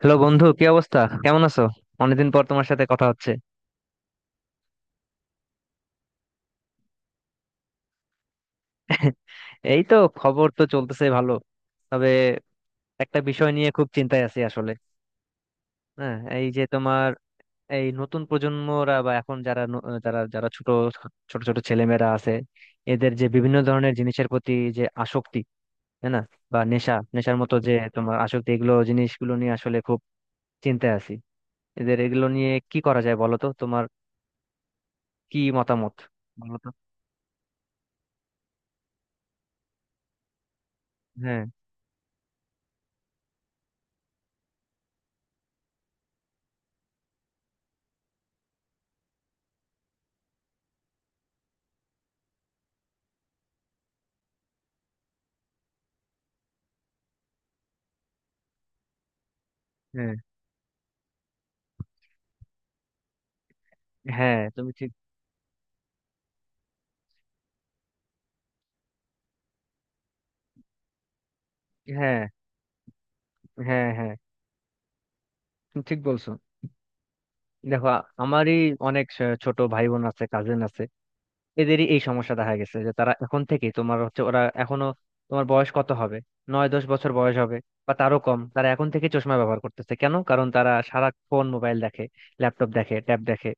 Hello বন্ধু, কি অবস্থা? কেমন আছো? অনেকদিন পর তোমার সাথে কথা হচ্ছে। এই তো, খবর তো চলতেছে ভালো। তবে একটা বিষয় নিয়ে খুব চিন্তায় আছি আসলে। হ্যাঁ, এই যে তোমার এই নতুন প্রজন্মরা বা এখন যারা যারা যারা ছোট ছোট ছোট ছেলেমেয়েরা আছে, এদের যে বিভিন্ন ধরনের জিনিসের প্রতি যে আসক্তি, তাই না? বা নেশা, নেশার মতো যে তোমার আসক্তি, এগুলো জিনিসগুলো নিয়ে আসলে খুব চিন্তায় আছি। এদের এগুলো নিয়ে কি করা যায় বলো তো, তোমার কি মতামত? বলো তো। হ্যাঁ। হ্যাঁ হ্যাঁ তুমি ঠিক। হ্যাঁ হ্যাঁ হ্যাঁ, তুমি ঠিক বলছো। দেখো, আমারই অনেক ছোট ভাই বোন আছে, কাজিন আছে। এদেরই এই সমস্যা দেখা গেছে যে তারা এখন থেকে তোমার হচ্ছে, ওরা এখনো তোমার বয়স কত হবে, 9-10 বছর বয়স হবে বা তারও কম, তারা এখন থেকে চশমা ব্যবহার করতেছে। কেন? কারণ তারা সারাক্ষণ মোবাইল দেখে, ল্যাপটপ দেখে, ট্যাব দেখে,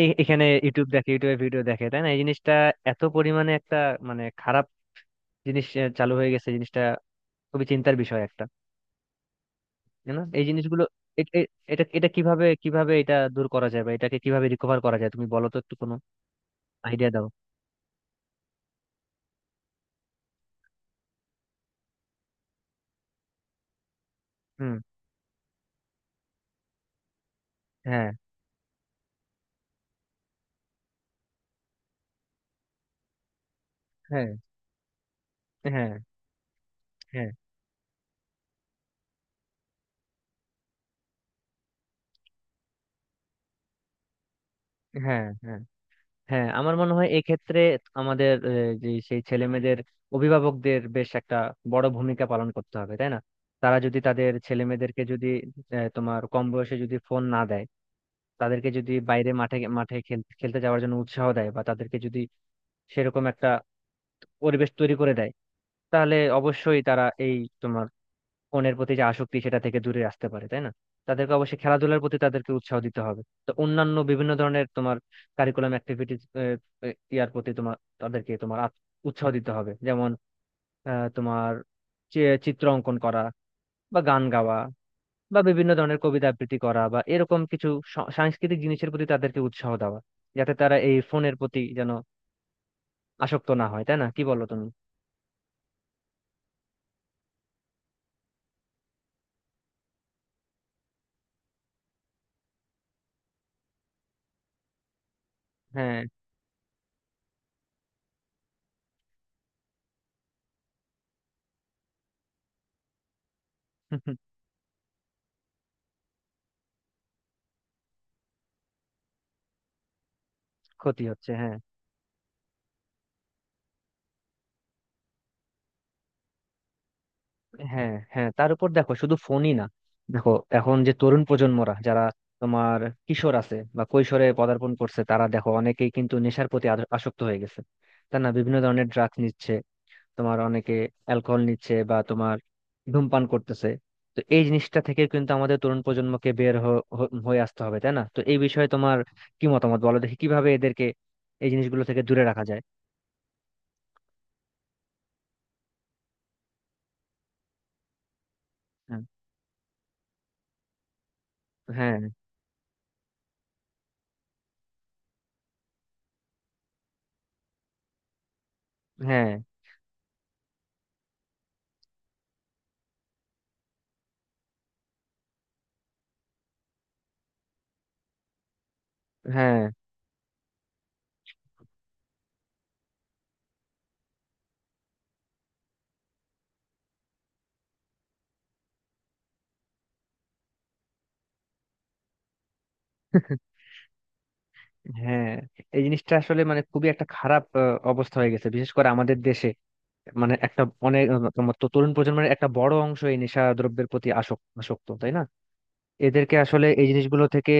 এই এখানে ইউটিউব দেখে, ইউটিউবে ভিডিও দেখে। তাই না? এই জিনিসটা এত পরিমাণে একটা মানে খারাপ জিনিস চালু হয়ে গেছে। জিনিসটা খুবই চিন্তার বিষয় একটা। তাই না, এই জিনিসগুলো? এ- এ- এটা এটা কিভাবে কিভাবে এটা দূর করা যায় বা এটাকে কিভাবে রিকভার করা যায়, তুমি বলো তো একটু কোনো আইডিয়া দাও। হুম। হ্যাঁ হ্যাঁ হ্যাঁ হ্যাঁ হ্যাঁ হ্যাঁ হ্যাঁ, আমার মনে হয় এক্ষেত্রে আমাদের যে সেই ছেলে মেয়েদের অভিভাবকদের বেশ একটা বড় ভূমিকা পালন করতে হবে। তাই না? তারা যদি তাদের ছেলে মেয়েদেরকে যদি তোমার কম বয়সে যদি ফোন না দেয়, তাদেরকে যদি বাইরে মাঠে মাঠে খেলতে যাওয়ার জন্য উৎসাহ দেয় বা তাদেরকে যদি সেরকম একটা পরিবেশ তৈরি করে দেয়, তাহলে অবশ্যই তারা এই তোমার ফোনের প্রতি যে আসক্তি সেটা থেকে দূরে আসতে পারে। তাই না? তাদেরকে অবশ্যই খেলাধুলার প্রতি তাদেরকে উৎসাহ দিতে হবে, তো অন্যান্য বিভিন্ন ধরনের তোমার কারিকুলাম অ্যাক্টিভিটিস ইয়ার প্রতি তোমার তাদেরকে তোমার উৎসাহ দিতে হবে। যেমন তোমার চি- চিত্র অঙ্কন করা বা গান গাওয়া বা বিভিন্ন ধরনের কবিতা আবৃত্তি করা বা এরকম কিছু সাংস্কৃতিক জিনিসের প্রতি তাদেরকে উৎসাহ দেওয়া, যাতে তারা এই ফোনের প্রতি যেন আসক্ত না হয়। তাই না, কি বলো তুমি? হ্যাঁ। ক্ষতি হচ্ছে, হ্যাঁ। হ্যাঁ হ্যাঁ, তার উপর দেখো শুধু ফোনই না, দেখো এখন যে তরুণ প্রজন্মরা যারা তোমার কিশোর আছে বা কৈশোরে পদার্পণ করছে, তারা দেখো অনেকেই কিন্তু নেশার প্রতি আসক্ত হয়ে গেছে। তার না, বিভিন্ন ধরনের ড্রাগস নিচ্ছে, তোমার অনেকে অ্যালকোহল নিচ্ছে বা তোমার ধূমপান করতেছে। তো এই জিনিসটা থেকে কিন্তু আমাদের তরুণ প্রজন্মকে বের হয়ে আসতে হবে। তাই না? তো এই বিষয়ে তোমার কি মতামত? বলো দেখি কিভাবে এদেরকে এই জিনিসগুলো থেকে দূরে রাখা যায়। হ্যাঁ হ্যাঁ হ্যাঁ হ্যাঁ হ্যাঁ, এই জিনিসটা আসলে মানে খুবই একটা খারাপ অবস্থা হয়ে গেছে, বিশেষ করে আমাদের দেশে। মানে একটা অনেক তোমার তো তরুণ প্রজন্মের একটা বড় অংশ এই নেশা দ্রব্যের প্রতি আসক্ত আসক্ত। তাই না? এদেরকে আসলে এই জিনিসগুলো থেকে,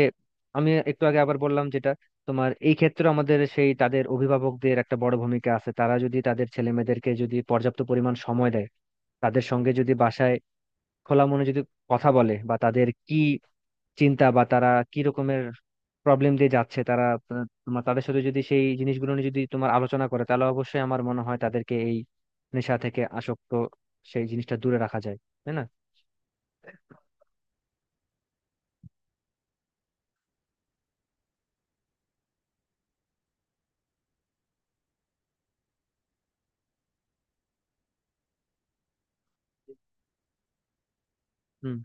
আমি একটু আগে আবার বললাম যেটা, তোমার এই ক্ষেত্রে আমাদের সেই তাদের অভিভাবকদের একটা বড় ভূমিকা আছে। তারা যদি তাদের ছেলে মেয়েদেরকে যদি পর্যাপ্ত পরিমাণ সময় দেয়, তাদের সঙ্গে যদি বাসায় খোলা মনে যদি কথা বলে বা তাদের কি চিন্তা বা তারা কি রকমের প্রবলেম দিয়ে যাচ্ছে তারা তোমার তাদের সাথে যদি সেই জিনিসগুলো নিয়ে যদি তোমার আলোচনা করে, তাহলে অবশ্যই আমার মনে হয় তাদেরকে এই নেশা থেকে আসক্ত সেই জিনিসটা দূরে রাখা যায়। তাই না? হুম।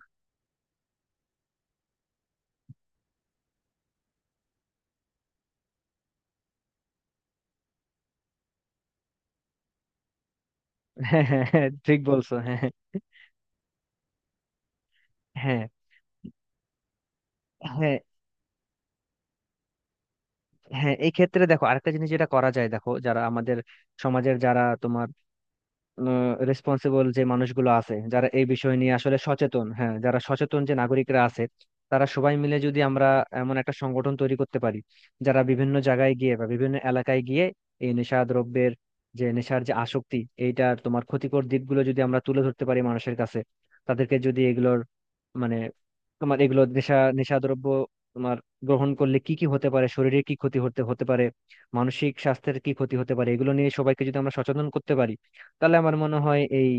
হ্যাঁ হ্যাঁ হ্যাঁ, ঠিক বলছো। হ্যাঁ হ্যাঁ হ্যাঁ হ্যাঁ, এই ক্ষেত্রে দেখো আরেকটা জিনিস যেটা করা যায়। দেখো যারা আমাদের সমাজের যারা তোমার রেসপন্সিবল যে মানুষগুলো আছে, যারা এই বিষয় নিয়ে আসলে সচেতন, হ্যাঁ যারা সচেতন যে নাগরিকরা আছে, তারা সবাই মিলে যদি আমরা এমন একটা সংগঠন তৈরি করতে পারি যারা বিভিন্ন জায়গায় গিয়ে বা বিভিন্ন এলাকায় গিয়ে এই নেশা দ্রব্যের যে নেশার যে আসক্তি, এইটার তোমার ক্ষতিকর দিকগুলো যদি আমরা তুলে ধরতে পারি মানুষের কাছে, তাদেরকে যদি এগুলোর মানে তোমার এগুলো নেশা নেশাদ্রব্য তোমার গ্রহণ করলে কি কি হতে পারে, শরীরে কি ক্ষতি হতে হতে পারে, মানসিক স্বাস্থ্যের কি ক্ষতি হতে পারে, এগুলো নিয়ে সবাইকে যদি আমরা সচেতন করতে পারি, তাহলে আমার মনে হয় এই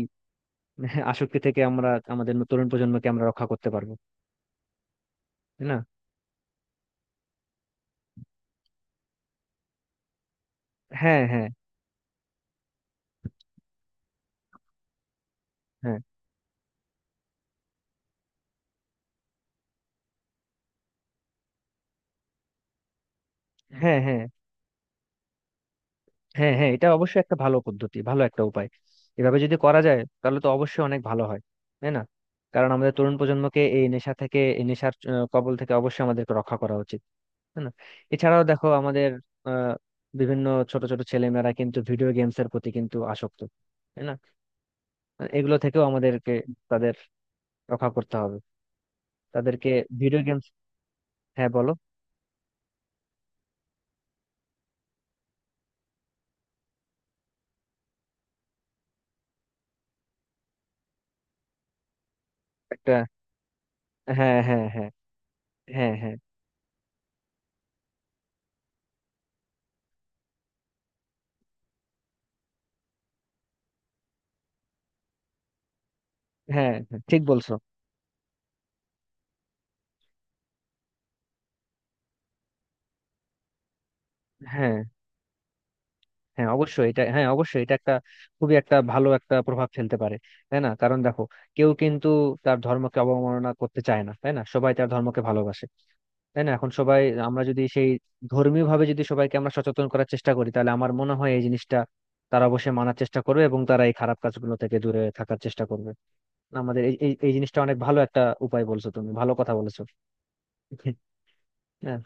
আসক্তি থেকে আমরা আমাদের তরুণ প্রজন্মকে আমরা রক্ষা করতে পারবো। তাই না? হ্যাঁ হ্যাঁ হ্যাঁ হ্যাঁ হ্যাঁ হ্যাঁ হ্যাঁ, এটা অবশ্যই একটা ভালো পদ্ধতি, ভালো একটা উপায়। এভাবে যদি করা যায় তাহলে তো অবশ্যই অনেক ভালো হয়। তাই না? কারণ আমাদের তরুণ প্রজন্মকে এই নেশা থেকে, এই নেশার কবল থেকে অবশ্যই আমাদেরকে রক্ষা করা উচিত। তাই না? এছাড়াও দেখো আমাদের আহ বিভিন্ন ছোট ছোট ছেলেমেয়েরা কিন্তু ভিডিও গেমস এর প্রতি কিন্তু আসক্ত। তাই না? এগুলো থেকেও আমাদেরকে তাদের রক্ষা করতে হবে। তাদেরকে ভিডিও গেমস। হ্যাঁ বলো। একটা। হ্যাঁ হ্যাঁ হ্যাঁ হ্যাঁ হ্যাঁ হ্যাঁ হ্যাঁ, ঠিক বলছো। হ্যাঁ, হ্যাঁ অবশ্যই এটা, হ্যাঁ অবশ্যই এটা একটা খুবই একটা ভালো একটা প্রভাব ফেলতে পারে। তাই না? কারণ দেখো, কেউ কিন্তু তার ধর্মকে অবমাননা করতে চায় না। তাই না, সবাই তার ধর্মকে ভালোবাসে। তাই না, এখন সবাই আমরা যদি সেই ধর্মীয় ভাবে যদি সবাইকে আমরা সচেতন করার চেষ্টা করি, তাহলে আমার মনে হয় এই জিনিসটা তারা অবশ্যই মানার চেষ্টা করবে এবং তারা এই খারাপ কাজগুলো থেকে দূরে থাকার চেষ্টা করবে। আমাদের এই এই এই জিনিসটা অনেক ভালো একটা উপায় বলছো তুমি, ভালো কথা বলেছো। হ্যাঁ।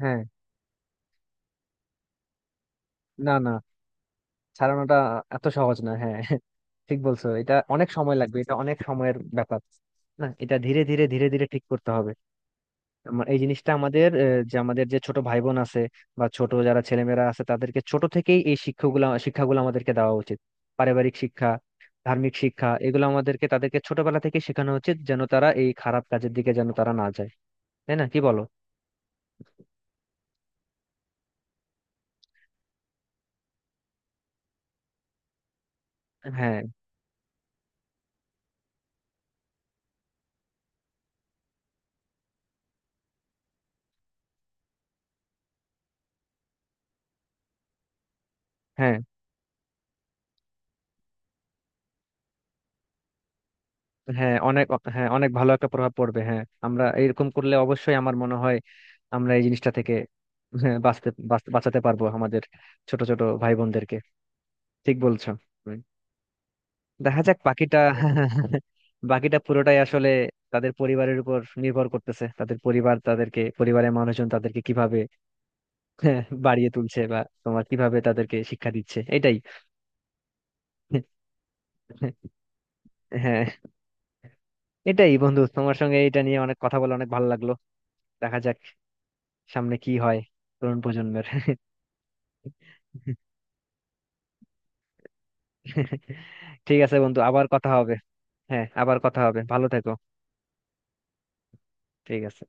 হ্যাঁ, না না, ছাড়ানোটা এত সহজ না। হ্যাঁ ঠিক বলছো। এটা অনেক সময় লাগবে, এটা অনেক সময়ের ব্যাপার। না, এটা ধীরে ধীরে ধীরে ধীরে ঠিক করতে হবে। আমার এই জিনিসটা আমাদের যে আমাদের যে ছোট ভাই বোন আছে বা ছোট যারা ছেলেমেয়েরা আছে তাদেরকে ছোট থেকেই এই শিক্ষাগুলো শিক্ষাগুলো আমাদেরকে দেওয়া উচিত। পারিবারিক শিক্ষা, ধার্মিক শিক্ষা, এগুলো আমাদেরকে তাদেরকে ছোটবেলা থেকে শেখানো উচিত, যেন তারা এই খারাপ কাজের দিকে যেন তারা না যায়। তাই না, কি বলো? হ্যাঁ। হ্যাঁ হ্যাঁ অনেক, হ্যাঁ অনেক ভালো একটা প্রভাব পড়বে। হ্যাঁ আমরা এরকম করলে অবশ্যই আমার মনে হয় আমরা এই জিনিসটা থেকে, হ্যাঁ, বাঁচতে বাঁচাতে পারবো আমাদের ছোট ছোট ভাই বোনদেরকে। ঠিক বলছো। হুম। দেখা যাক বাকিটা। বাকিটা পুরোটাই আসলে তাদের পরিবারের উপর নির্ভর করতেছে। তাদের পরিবার তাদেরকে, পরিবারের মানুষজন তাদেরকে কিভাবে, হ্যাঁ, বাড়িয়ে তুলছে বা তোমার কিভাবে তাদেরকে শিক্ষা দিচ্ছে, এটাই। হ্যাঁ। এটাই বন্ধু, তোমার সঙ্গে এটা নিয়ে অনেক কথা বলে অনেক ভালো লাগলো। দেখা যাক সামনে কি হয়, তরুণ প্রজন্মের। ঠিক আছে বন্ধু, আবার কথা হবে। হ্যাঁ আবার কথা হবে, ভালো থেকো। ঠিক আছে।